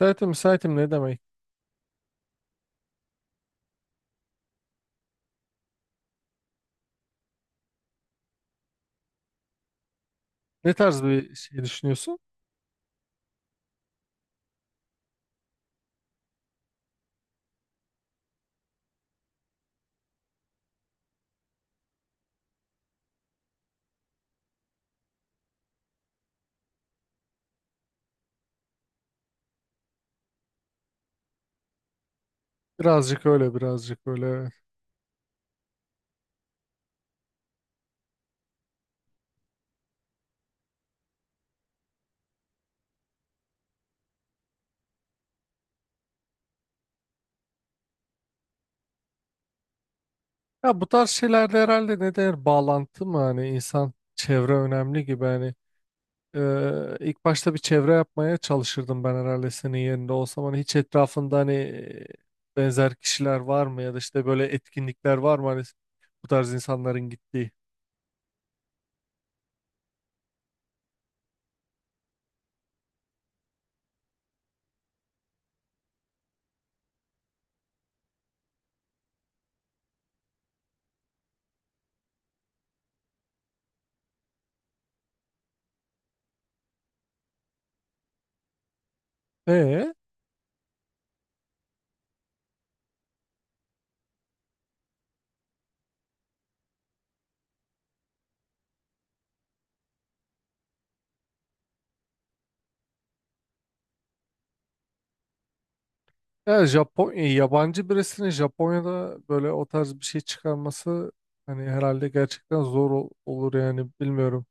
Müsaitim müsaitim ne demek? Ne tarz bir şey düşünüyorsun? Birazcık öyle birazcık öyle. Evet. Ya bu tarz şeylerde herhalde ne der bağlantı mı hani insan çevre önemli gibi hani. İlk başta bir çevre yapmaya çalışırdım ben herhalde senin yerinde olsam hani hiç etrafında hani benzer kişiler var mı ya da işte böyle etkinlikler var mı hani bu tarz insanların gittiği. E? Ya Japon yabancı birisinin Japonya'da böyle o tarz bir şey çıkarması hani herhalde gerçekten olur yani bilmiyorum.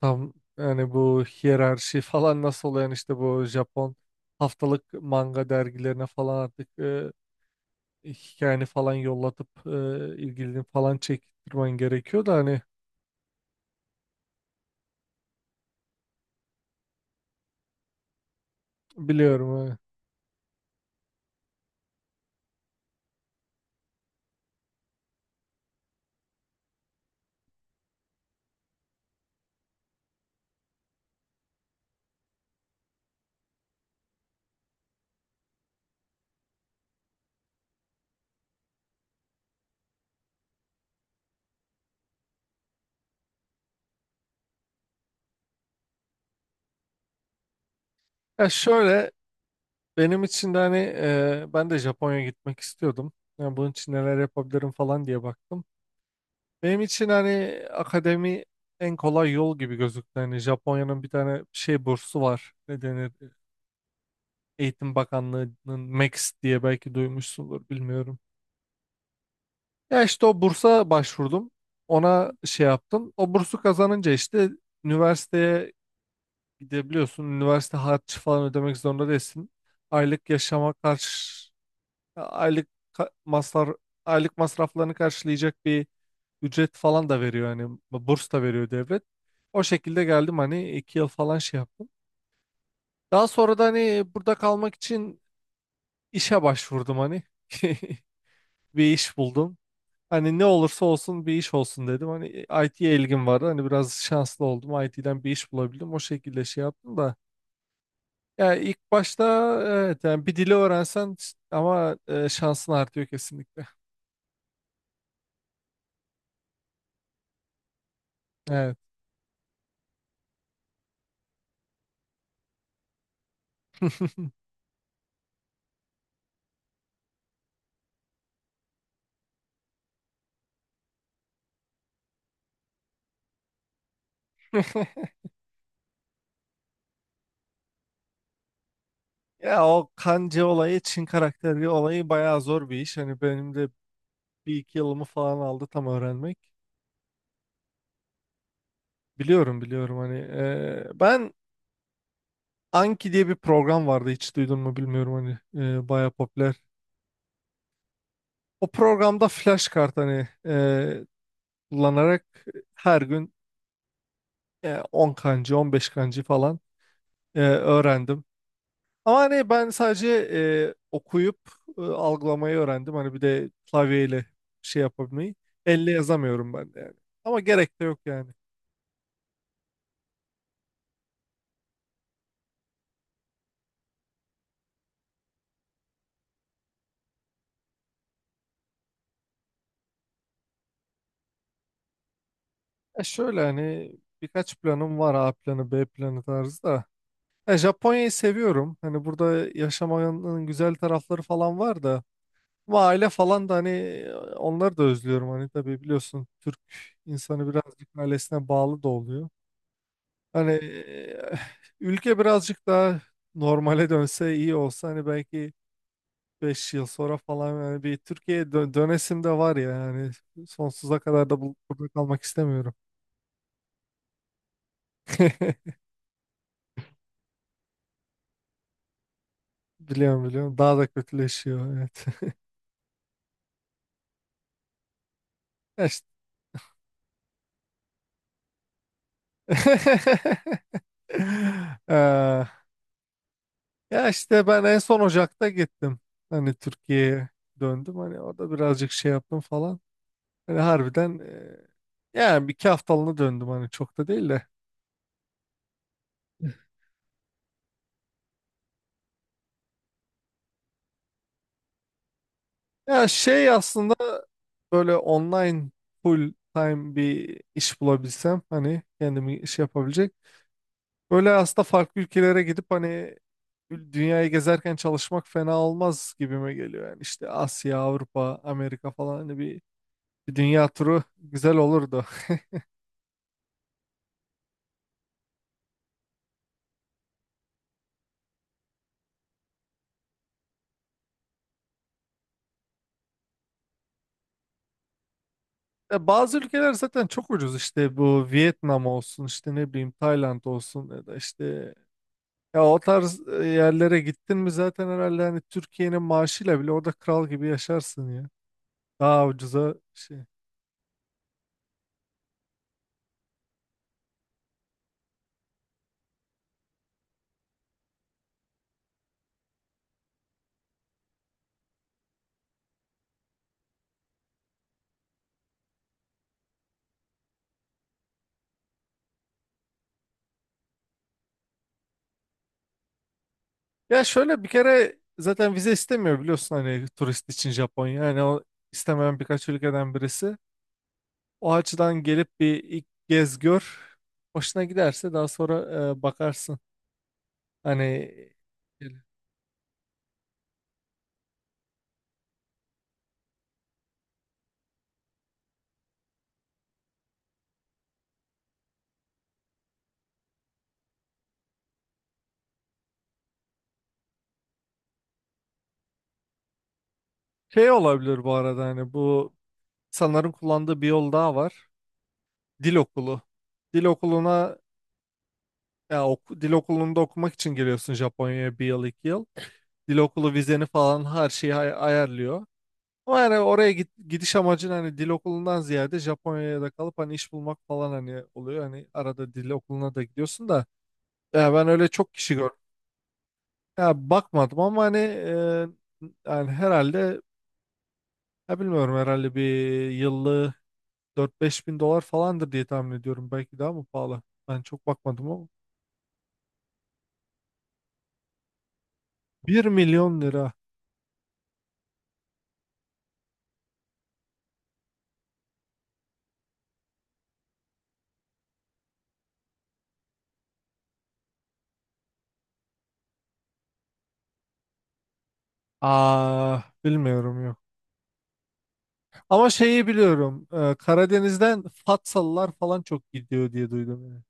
Tam yani bu hiyerarşi falan nasıl oluyor yani işte bu Japon haftalık manga dergilerine falan artık hikayeni falan yollatıp ilgilini falan çektirmen gerekiyor da hani. Biliyorum, hani. Ya şöyle benim için de hani ben de Japonya'ya gitmek istiyordum. Yani bunun için neler yapabilirim falan diye baktım. Benim için hani akademi en kolay yol gibi gözüktü. Hani Japonya'nın bir tane şey bursu var. Ne denir? Eğitim Bakanlığı'nın MEX diye belki duymuşsundur bilmiyorum. Ya işte o bursa başvurdum. Ona şey yaptım. O bursu kazanınca işte üniversiteye gidebiliyorsun. Üniversite harcı falan ödemek zorunda değilsin. Aylık yaşama karşı aylık masraf aylık masraflarını karşılayacak bir ücret falan da veriyor hani burs da veriyor devlet. O şekilde geldim hani iki yıl falan şey yaptım. Daha sonra da hani burada kalmak için işe başvurdum hani bir iş buldum. Hani ne olursa olsun bir iş olsun dedim. Hani IT'ye ilgim vardı. Hani biraz şanslı oldum. IT'den bir iş bulabildim. O şekilde şey yaptım da. Ya ilk başta evet yani bir dili öğrensen ama şansın artıyor kesinlikle. Evet. Ya o kanji olayı, Çin karakteri olayı bayağı zor bir iş. Hani benim de bir iki yılımı falan aldı tam öğrenmek. Biliyorum biliyorum hani ben Anki diye bir program vardı hiç duydun mu bilmiyorum hani baya popüler. O programda flash kart hani kullanarak her gün 10 kancı 15 kancı falan öğrendim. Ama hani ben sadece okuyup algılamayı öğrendim. Hani bir de klavyeyle şey yapabilmeyi. Elle yazamıyorum ben de yani. Ama gerek de yok yani. Ya şöyle hani birkaç planım var A planı B planı tarzı da. Ya Japonya'yı seviyorum. Hani burada yaşamanın güzel tarafları falan var da. Ama aile falan da hani onları da özlüyorum. Hani tabii biliyorsun Türk insanı birazcık ailesine bağlı da oluyor. Hani ülke birazcık daha normale dönse iyi olsa hani belki 5 yıl sonra falan yani bir Türkiye'ye dönesim de var ya yani sonsuza kadar da burada kalmak istemiyorum. Biliyorum biliyorum. Daha da kötüleşiyor. Evet. Ya işte. Ee, Ya işte ben en son Ocak'ta gittim. Hani Türkiye'ye döndüm. Hani orada birazcık şey yaptım falan. Hani harbiden yani bir iki haftalığına döndüm hani çok da değil de. Ya şey aslında böyle online full time bir iş bulabilsem hani kendimi iş yapabilecek. Böyle aslında farklı ülkelere gidip hani dünyayı gezerken çalışmak fena olmaz gibime geliyor. Yani işte Asya, Avrupa, Amerika falan hani bir dünya turu güzel olurdu. Ya bazı ülkeler zaten çok ucuz işte bu Vietnam olsun işte ne bileyim Tayland olsun ya da işte ya o tarz yerlere gittin mi zaten herhalde hani Türkiye'nin maaşıyla bile orada kral gibi yaşarsın ya. Daha ucuza şey. Ya şöyle bir kere zaten vize istemiyor biliyorsun hani turist için Japonya. Yani o istemeyen birkaç ülkeden birisi. O açıdan gelip bir ilk gez gör. Hoşuna giderse daha sonra bakarsın. Hani şey olabilir bu arada hani bu sanırım kullandığı bir yol daha var. Dil okulu. Dil okuluna ya dil okulunda okumak için geliyorsun Japonya'ya bir yıl iki yıl. Dil okulu vizeni falan her şeyi ayarlıyor. Ama yani oraya gidiş amacın hani dil okulundan ziyade Japonya'da kalıp hani iş bulmak falan hani oluyor. Hani arada dil okuluna da gidiyorsun da. Ya ben öyle çok kişi gördüm. Ya bakmadım ama hani yani herhalde ya bilmiyorum herhalde bir yıllığı dört beş bin dolar falandır diye tahmin ediyorum. Belki daha mı pahalı? Ben çok bakmadım ama. Bir milyon lira. Aa bilmiyorum yok. Ama şeyi biliyorum. Karadeniz'den Fatsalılar falan çok gidiyor diye duydum yani.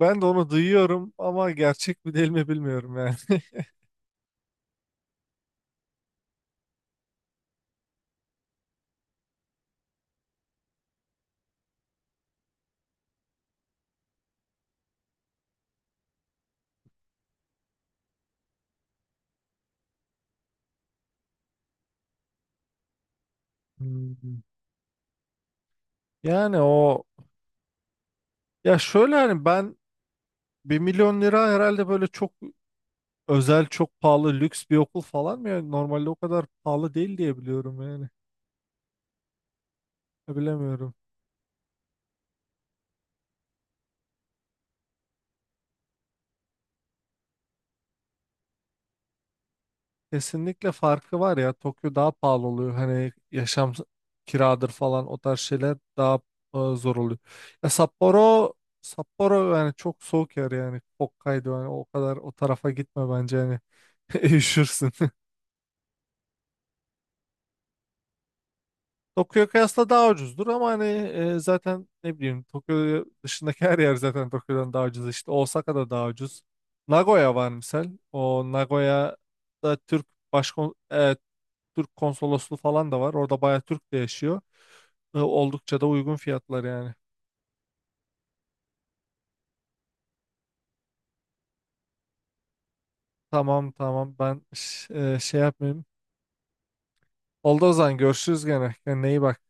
Ben de onu duyuyorum ama gerçek mi değil mi bilmiyorum yani. Hmm. Yani o ya şöyle hani ben bir milyon lira herhalde böyle çok özel çok pahalı lüks bir okul falan mı yani normalde o kadar pahalı değil diye biliyorum yani. Ya bilemiyorum kesinlikle farkı var ya Tokyo daha pahalı oluyor hani kiradır falan o tarz şeyler daha zor oluyor ya Sapporo Sapporo yani çok soğuk yer yani Hokkaido yani o kadar o tarafa gitme bence yani üşürsün. Tokyo'ya kıyasla daha ucuzdur ama hani zaten ne bileyim Tokyo dışındaki her yer zaten Tokyo'dan daha ucuz işte Osaka'da daha ucuz. Nagoya var misal. O Nagoya'da Türk başkon e, Türk konsolosluğu falan da var. Orada bayağı Türk de yaşıyor. Oldukça da uygun fiyatlar yani. Tamam tamam ben şey yapmayayım. Oldu o zaman görüşürüz gene. Kendine iyi bak.